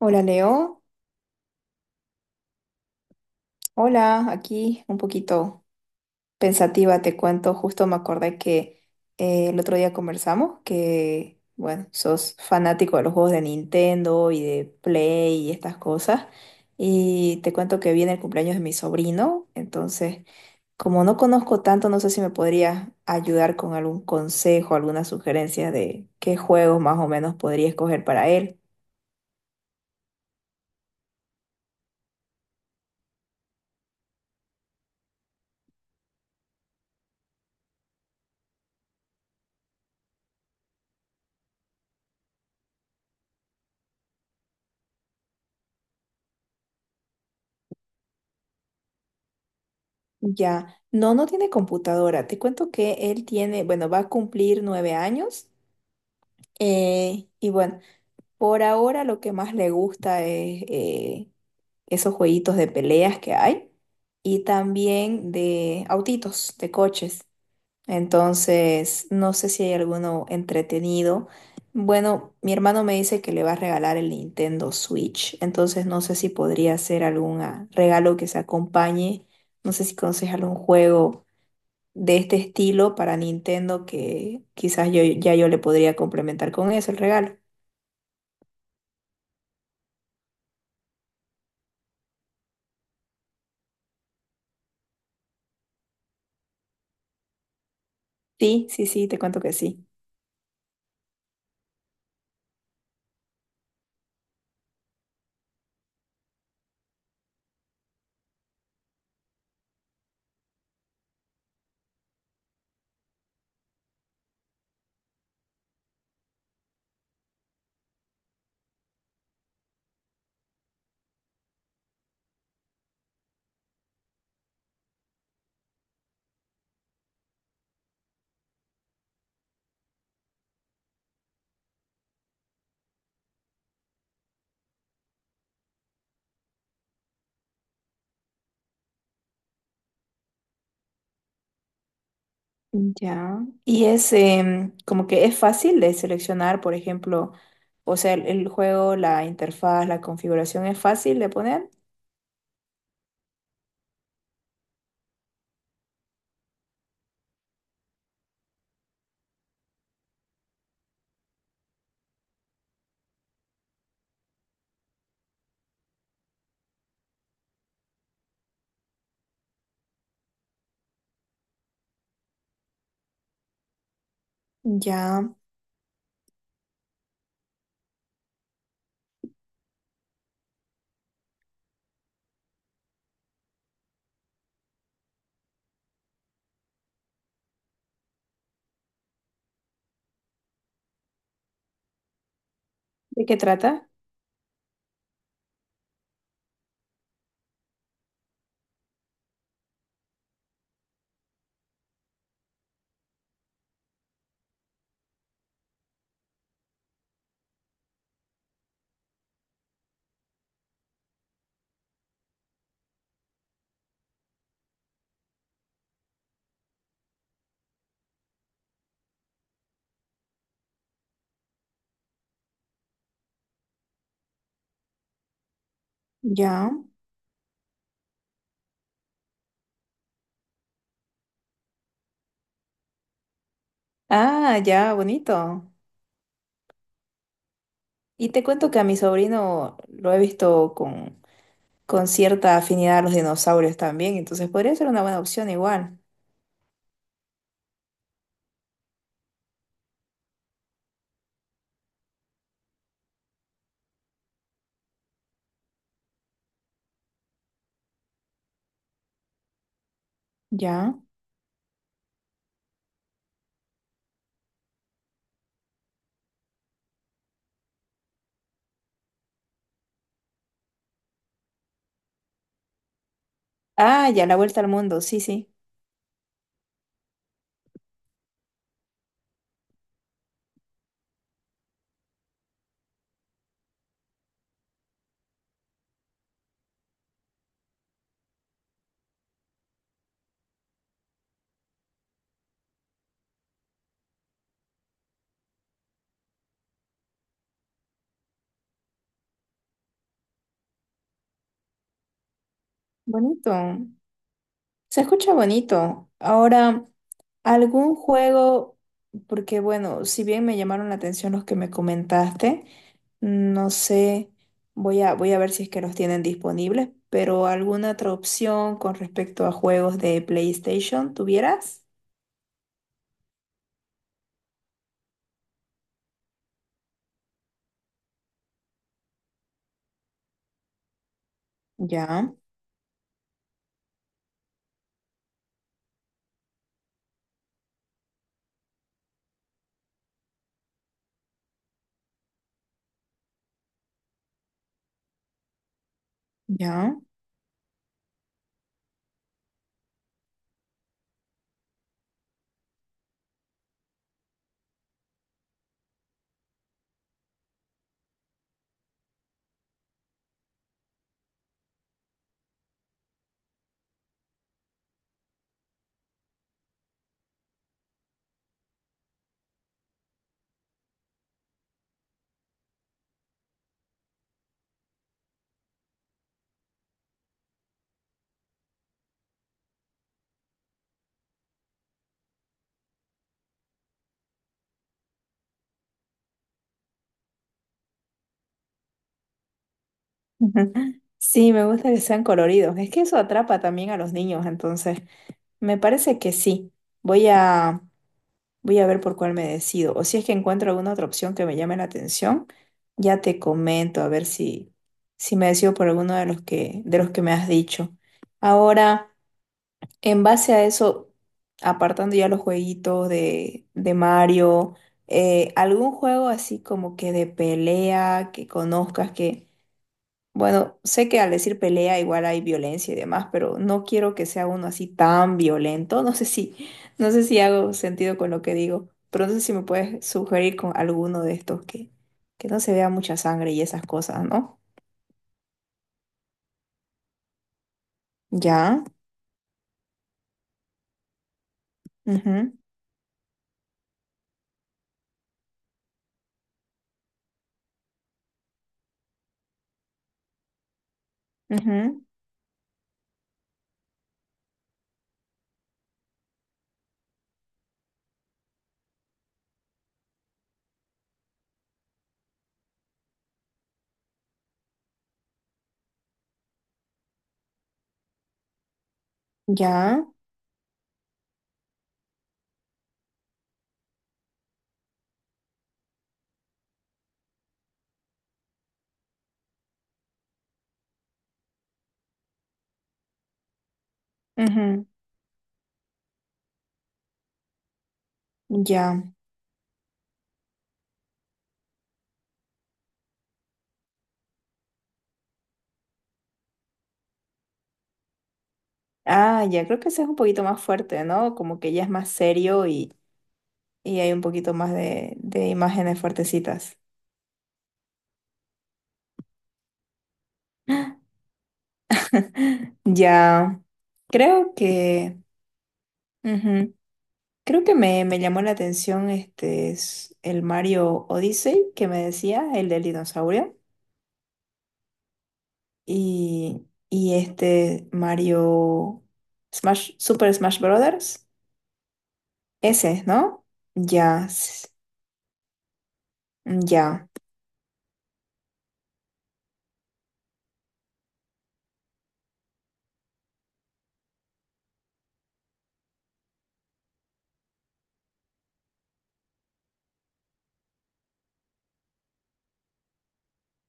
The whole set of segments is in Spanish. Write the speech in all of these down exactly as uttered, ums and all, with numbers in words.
Hola Leo, hola, aquí un poquito pensativa te cuento. Justo me acordé que eh, el otro día conversamos que, bueno, sos fanático de los juegos de Nintendo y de Play y estas cosas, y te cuento que viene el cumpleaños de mi sobrino. Entonces, como no conozco tanto, no sé si me podrías ayudar con algún consejo, alguna sugerencia de qué juegos más o menos podría escoger para él. Ya, no, no tiene computadora. Te cuento que él tiene, bueno, va a cumplir nueve años. Eh, y bueno, por ahora lo que más le gusta es eh, esos jueguitos de peleas que hay, y también de autitos, de coches. Entonces, no sé si hay alguno entretenido. Bueno, mi hermano me dice que le va a regalar el Nintendo Switch, entonces no sé si podría ser algún ah, regalo que se acompañe. No sé si conoces algún juego de este estilo para Nintendo que quizás yo ya yo le podría complementar con eso el regalo. Sí, sí, sí, te cuento que sí. Ya. Y es em, como que es fácil de seleccionar, por ejemplo. O sea, el, el juego, la interfaz, la configuración es fácil de poner. Ya. ¿De qué trata? Ya. Ah, ya, bonito. Y te cuento que a mi sobrino lo he visto con, con cierta afinidad a los dinosaurios también, entonces podría ser una buena opción igual. Ya. Ah, ya, la vuelta al mundo, sí, sí. Bonito. Se escucha bonito. Ahora, algún juego, porque bueno, si bien me llamaron la atención los que me comentaste, no sé, voy a, voy a ver si es que los tienen disponibles, pero alguna otra opción con respecto a juegos de PlayStation, ¿tuvieras? Ya, ya. Sí, me gusta que sean coloridos. Es que eso atrapa también a los niños, entonces me parece que sí. Voy a Voy a ver por cuál me decido. O si es que encuentro alguna otra opción que me llame la atención, ya te comento a ver si, si me decido por alguno de los que, de los que me has dicho. Ahora, en base a eso, apartando ya los jueguitos de, de Mario, eh, ¿algún juego así como que de pelea que conozcas? Bueno, sé que al decir pelea igual hay violencia y demás, pero no quiero que sea uno así tan violento. No sé si, no sé si hago sentido con lo que digo, pero no sé si me puedes sugerir con alguno de estos que, que no se vea mucha sangre y esas cosas, ¿no? Ya, ujú, ujú, ya, ujú, ya. Ah, ya, creo que ese es un poquito más fuerte, ¿no? Como que ya es más serio, y, y hay un poquito más de, de imágenes fuertecitas. Ya, creo que. Ujú. Creo que me, me llamó la atención este es el Mario Odyssey que me decía, el del dinosaurio, y, y este Mario Smash, Super Smash Brothers. Ese, ¿no? Ya, s- ya,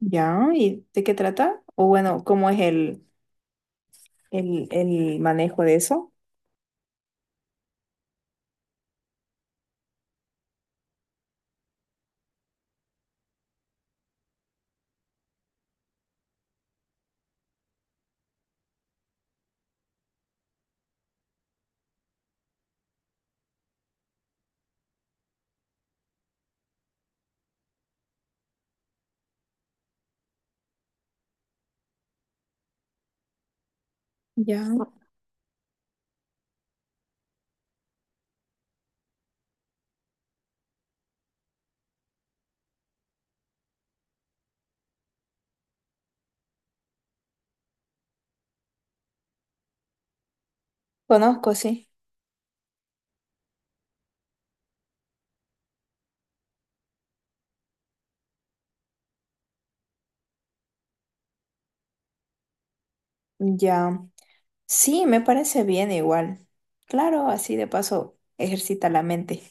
ya. ¿Y de qué trata? O bueno, ¿cómo es el, el, el manejo de eso? Ya. Conozco, sí. Ya. Sí, me parece bien igual. Claro, así de paso ejercita la mente.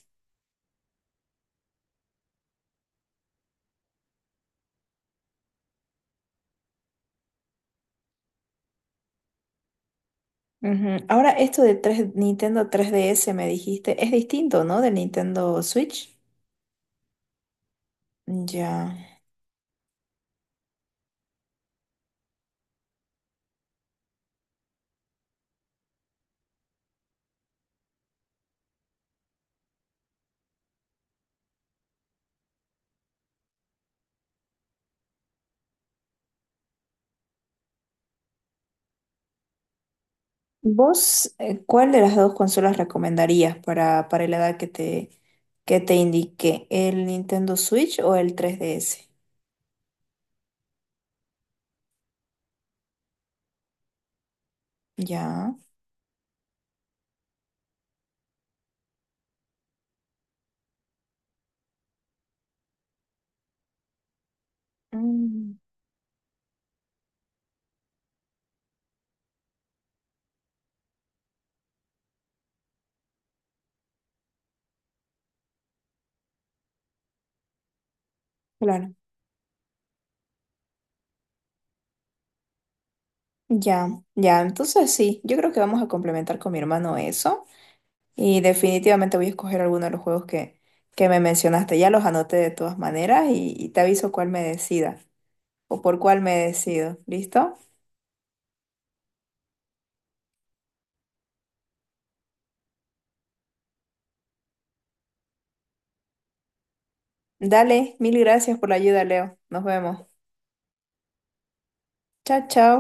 Ujú. Ahora, esto de tres Nintendo tres D S me dijiste, es distinto, ¿no? Del Nintendo Switch. Ya. ¿Vos eh, cuál de las dos consolas recomendarías para, para la edad que te, que te indiqué? ¿El Nintendo Switch o el tres D S? Ya. Mm, claro. Ya, ya. Entonces sí, yo creo que vamos a complementar con mi hermano eso. Y definitivamente voy a escoger alguno de los juegos que, que me mencionaste. Ya los anoté de todas maneras y y te aviso cuál me decida. O por cuál me decido. ¿Listo? Dale, mil gracias por la ayuda, Leo. Nos vemos. Chao, chao.